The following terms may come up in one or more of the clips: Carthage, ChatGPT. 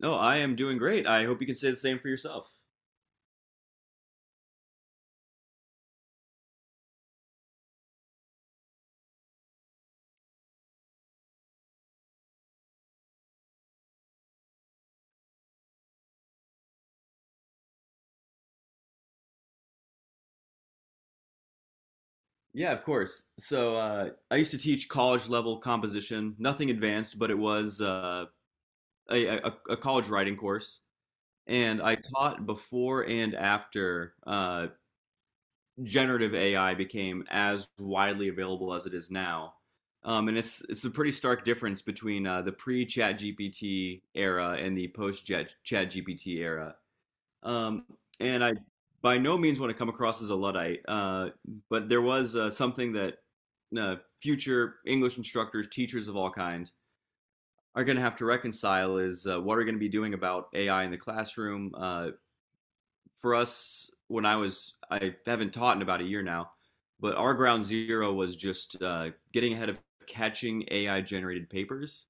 No, I am doing great. I hope you can say the same for yourself. Yeah, of course. So I used to teach college level composition, nothing advanced, but it was a college writing course. And I taught before and after generative AI became as widely available as it is now. And it's a pretty stark difference between the pre ChatGPT era and the post ChatGPT era. Um, and I by no means want to come across as a Luddite, but there was something that uh, future English instructors, teachers of all kinds, are going to have to reconcile is what are we going to be doing about AI in the classroom. For us, when I was, I haven't taught in about a year now, but our ground zero was just getting ahead of catching AI generated papers.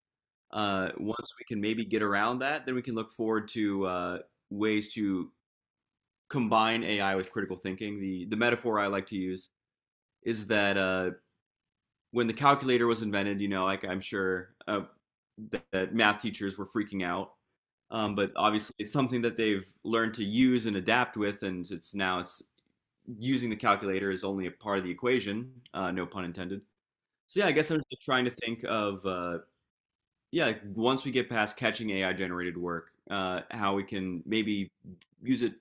Once we can maybe get around that, then we can look forward to ways to combine AI with critical thinking. The metaphor I like to use is that when the calculator was invented, like I'm sure that, that math teachers were freaking out, but obviously it's something that they've learned to use and adapt with, and it's now it's using the calculator is only a part of the equation, no pun intended. So yeah, I guess I'm just trying to think of yeah, like, once we get past catching AI generated work, how we can maybe use it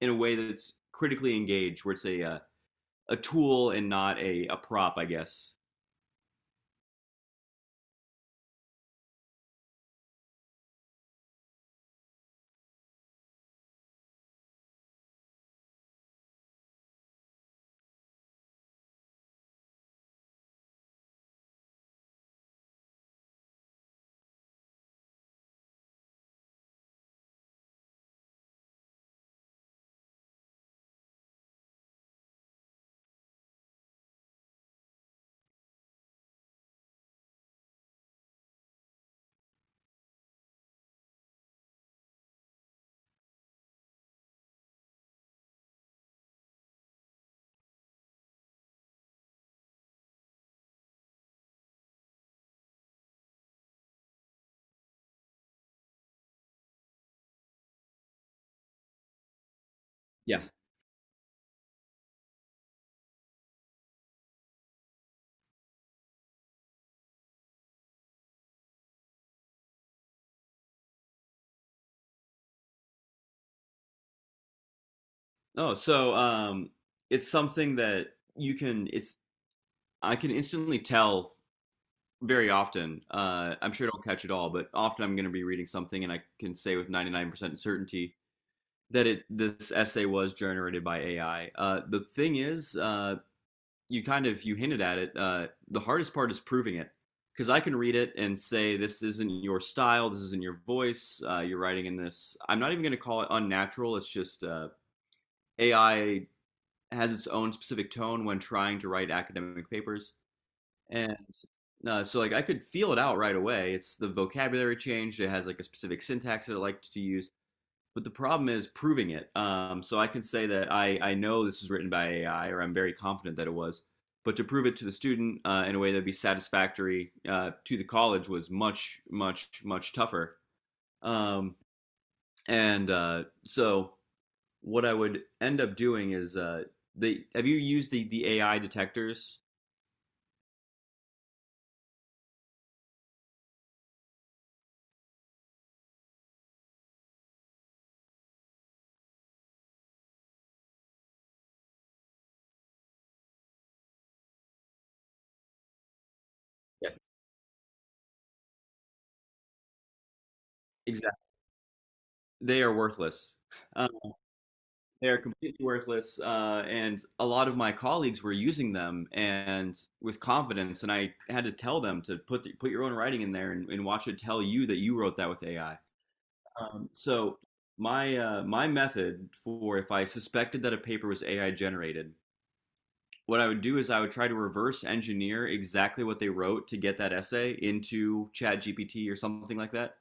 in a way that's critically engaged, where it's a tool and not a prop, I guess. Yeah. Oh, so it's something that you can. It's I can instantly tell very often. I'm sure I don't catch it all, but often I'm going to be reading something and I can say with 99% certainty that it this essay was generated by AI. The thing is, you kind of you hinted at it. The hardest part is proving it because I can read it and say this isn't your style, this isn't your voice. You're writing in this. I'm not even going to call it unnatural. It's just AI has its own specific tone when trying to write academic papers, and so like I could feel it out right away. It's the vocabulary changed. It has like a specific syntax that it liked to use but the problem is proving it. So I can say that I know this was written by AI, or I'm very confident that it was. But to prove it to the student in a way that'd be satisfactory to the college was much, much, much tougher. Um, and so what I would end up doing is they have you used the AI detectors? Yeah, exactly. They are worthless. Um, They are completely worthless. And a lot of my colleagues were using them and with confidence. And I had to tell them to put the, put your own writing in there and watch it tell you that you wrote that with AI. So my my method for if I suspected that a paper was AI generated, what I would do is I would try to reverse engineer exactly what they wrote to get that essay into ChatGPT or something like that.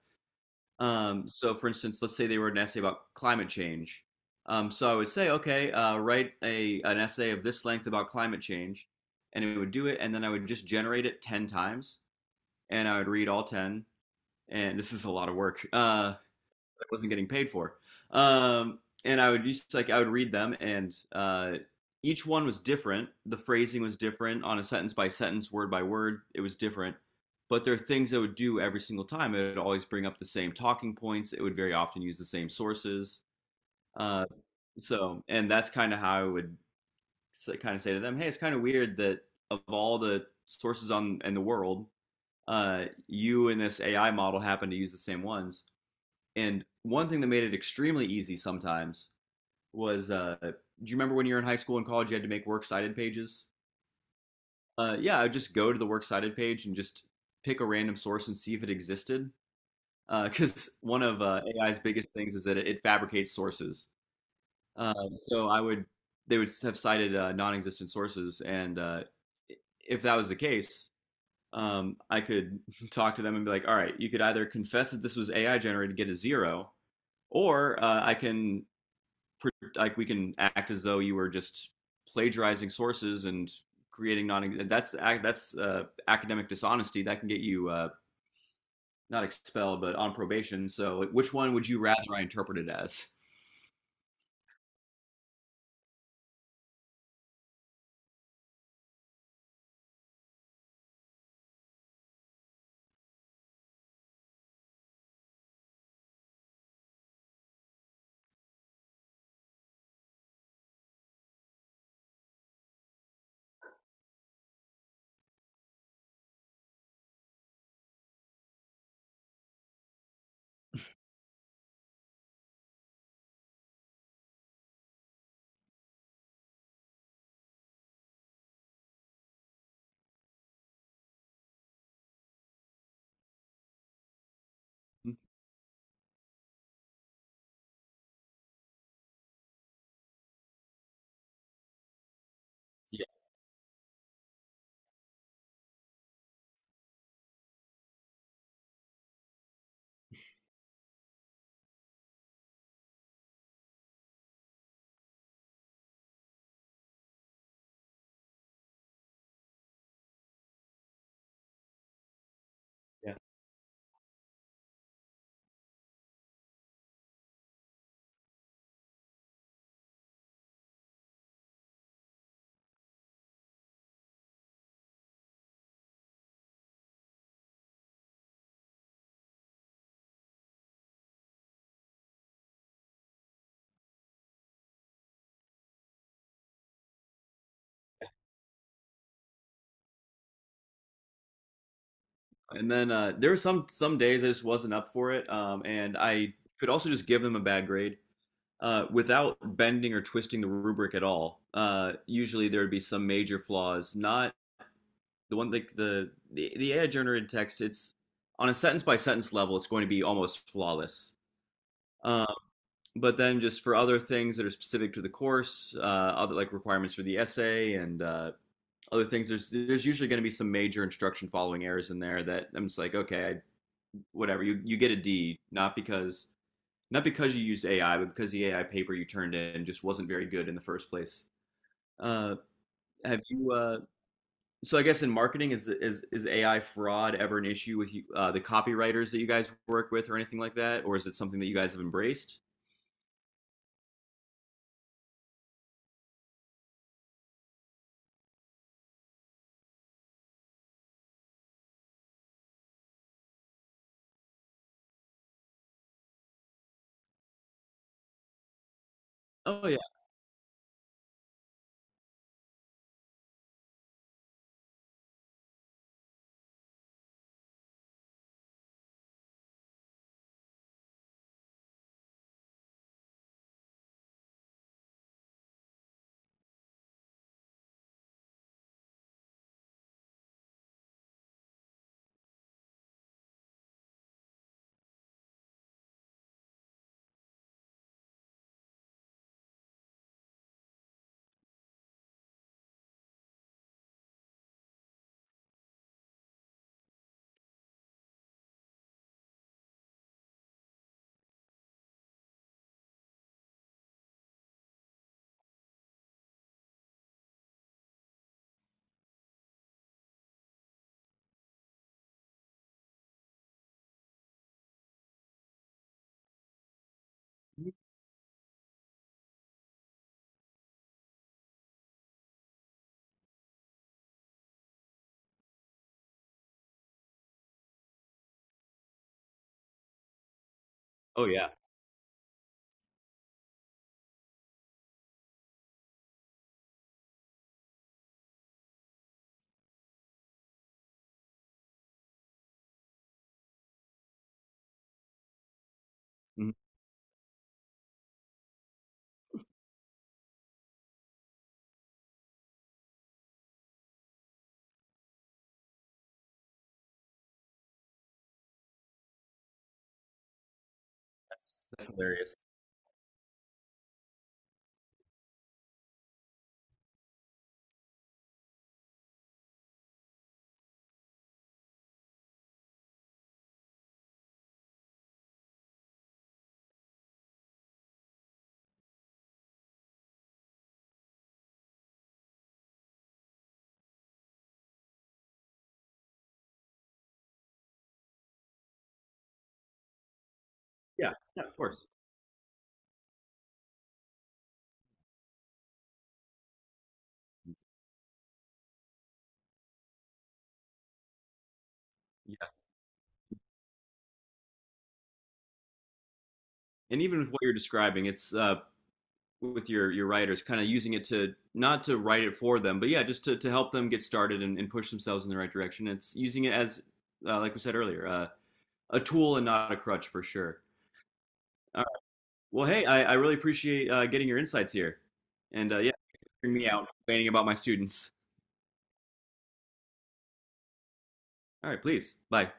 So, for instance, let's say they wrote an essay about climate change. So I would say, okay, write a an essay of this length about climate change, and it would do it, and then I would just generate it ten times, and I would read all ten. And this is a lot of work. Wasn't getting paid for. Um, and I would just like I would read them, and each one was different. The phrasing was different on a sentence by sentence, word by word. It was different, but there are things I would do every single time. It would always bring up the same talking points. It would very often use the same sources. Uh, so, and that's kind of how I would kind of say to them, "Hey, it's kind of weird that of all the sources on in the world, you and this AI model happen to use the same ones." And one thing that made it extremely easy sometimes was do you remember when you were in high school and college, you had to make works cited pages? Yeah, I would just go to the works cited page and just pick a random source and see if it existed. Because one of AI's biggest things is that it fabricates sources. Uh, so I would, they would have cited non-existent sources, and if that was the case, I could talk to them and be like, all right, you could either confess that this was AI generated, get a zero, or I can like we can act as though you were just plagiarizing sources and creating non that's academic dishonesty that can get you not expelled but on probation so like, which one would you rather I interpret it as. Yeah. Yeah. And then there were some days I just wasn't up for it and I could also just give them a bad grade without bending or twisting the rubric at all usually there would be some major flaws not the one like the AI generated text, it's on a sentence by sentence level, it's going to be almost flawless. Um, but then just for other things that are specific to the course, other like requirements for the essay and other things, there's usually going to be some major instruction following errors in there that I'm just like, okay, I, whatever. You get a D, not because not because you used AI, but because the AI paper you turned in just wasn't very good in the first place. Uh, have you so I guess in marketing, is AI fraud ever an issue with you, the copywriters that you guys work with or anything like that, or is it something that you guys have embraced? Oh yeah. Mhm. Oh yeah. Mhm. That's hilarious. Yeah, yeah, of course. Yeah, and even with what you're describing, it's with your writers, kind of using it to not to write it for them, but yeah, just to help them get started and push themselves in the right direction. It's using it as, like we said earlier, a tool and not a crutch for sure. Well, hey, I really appreciate getting your insights here. And yeah, hearing me out complaining about my students. All right, please. Bye.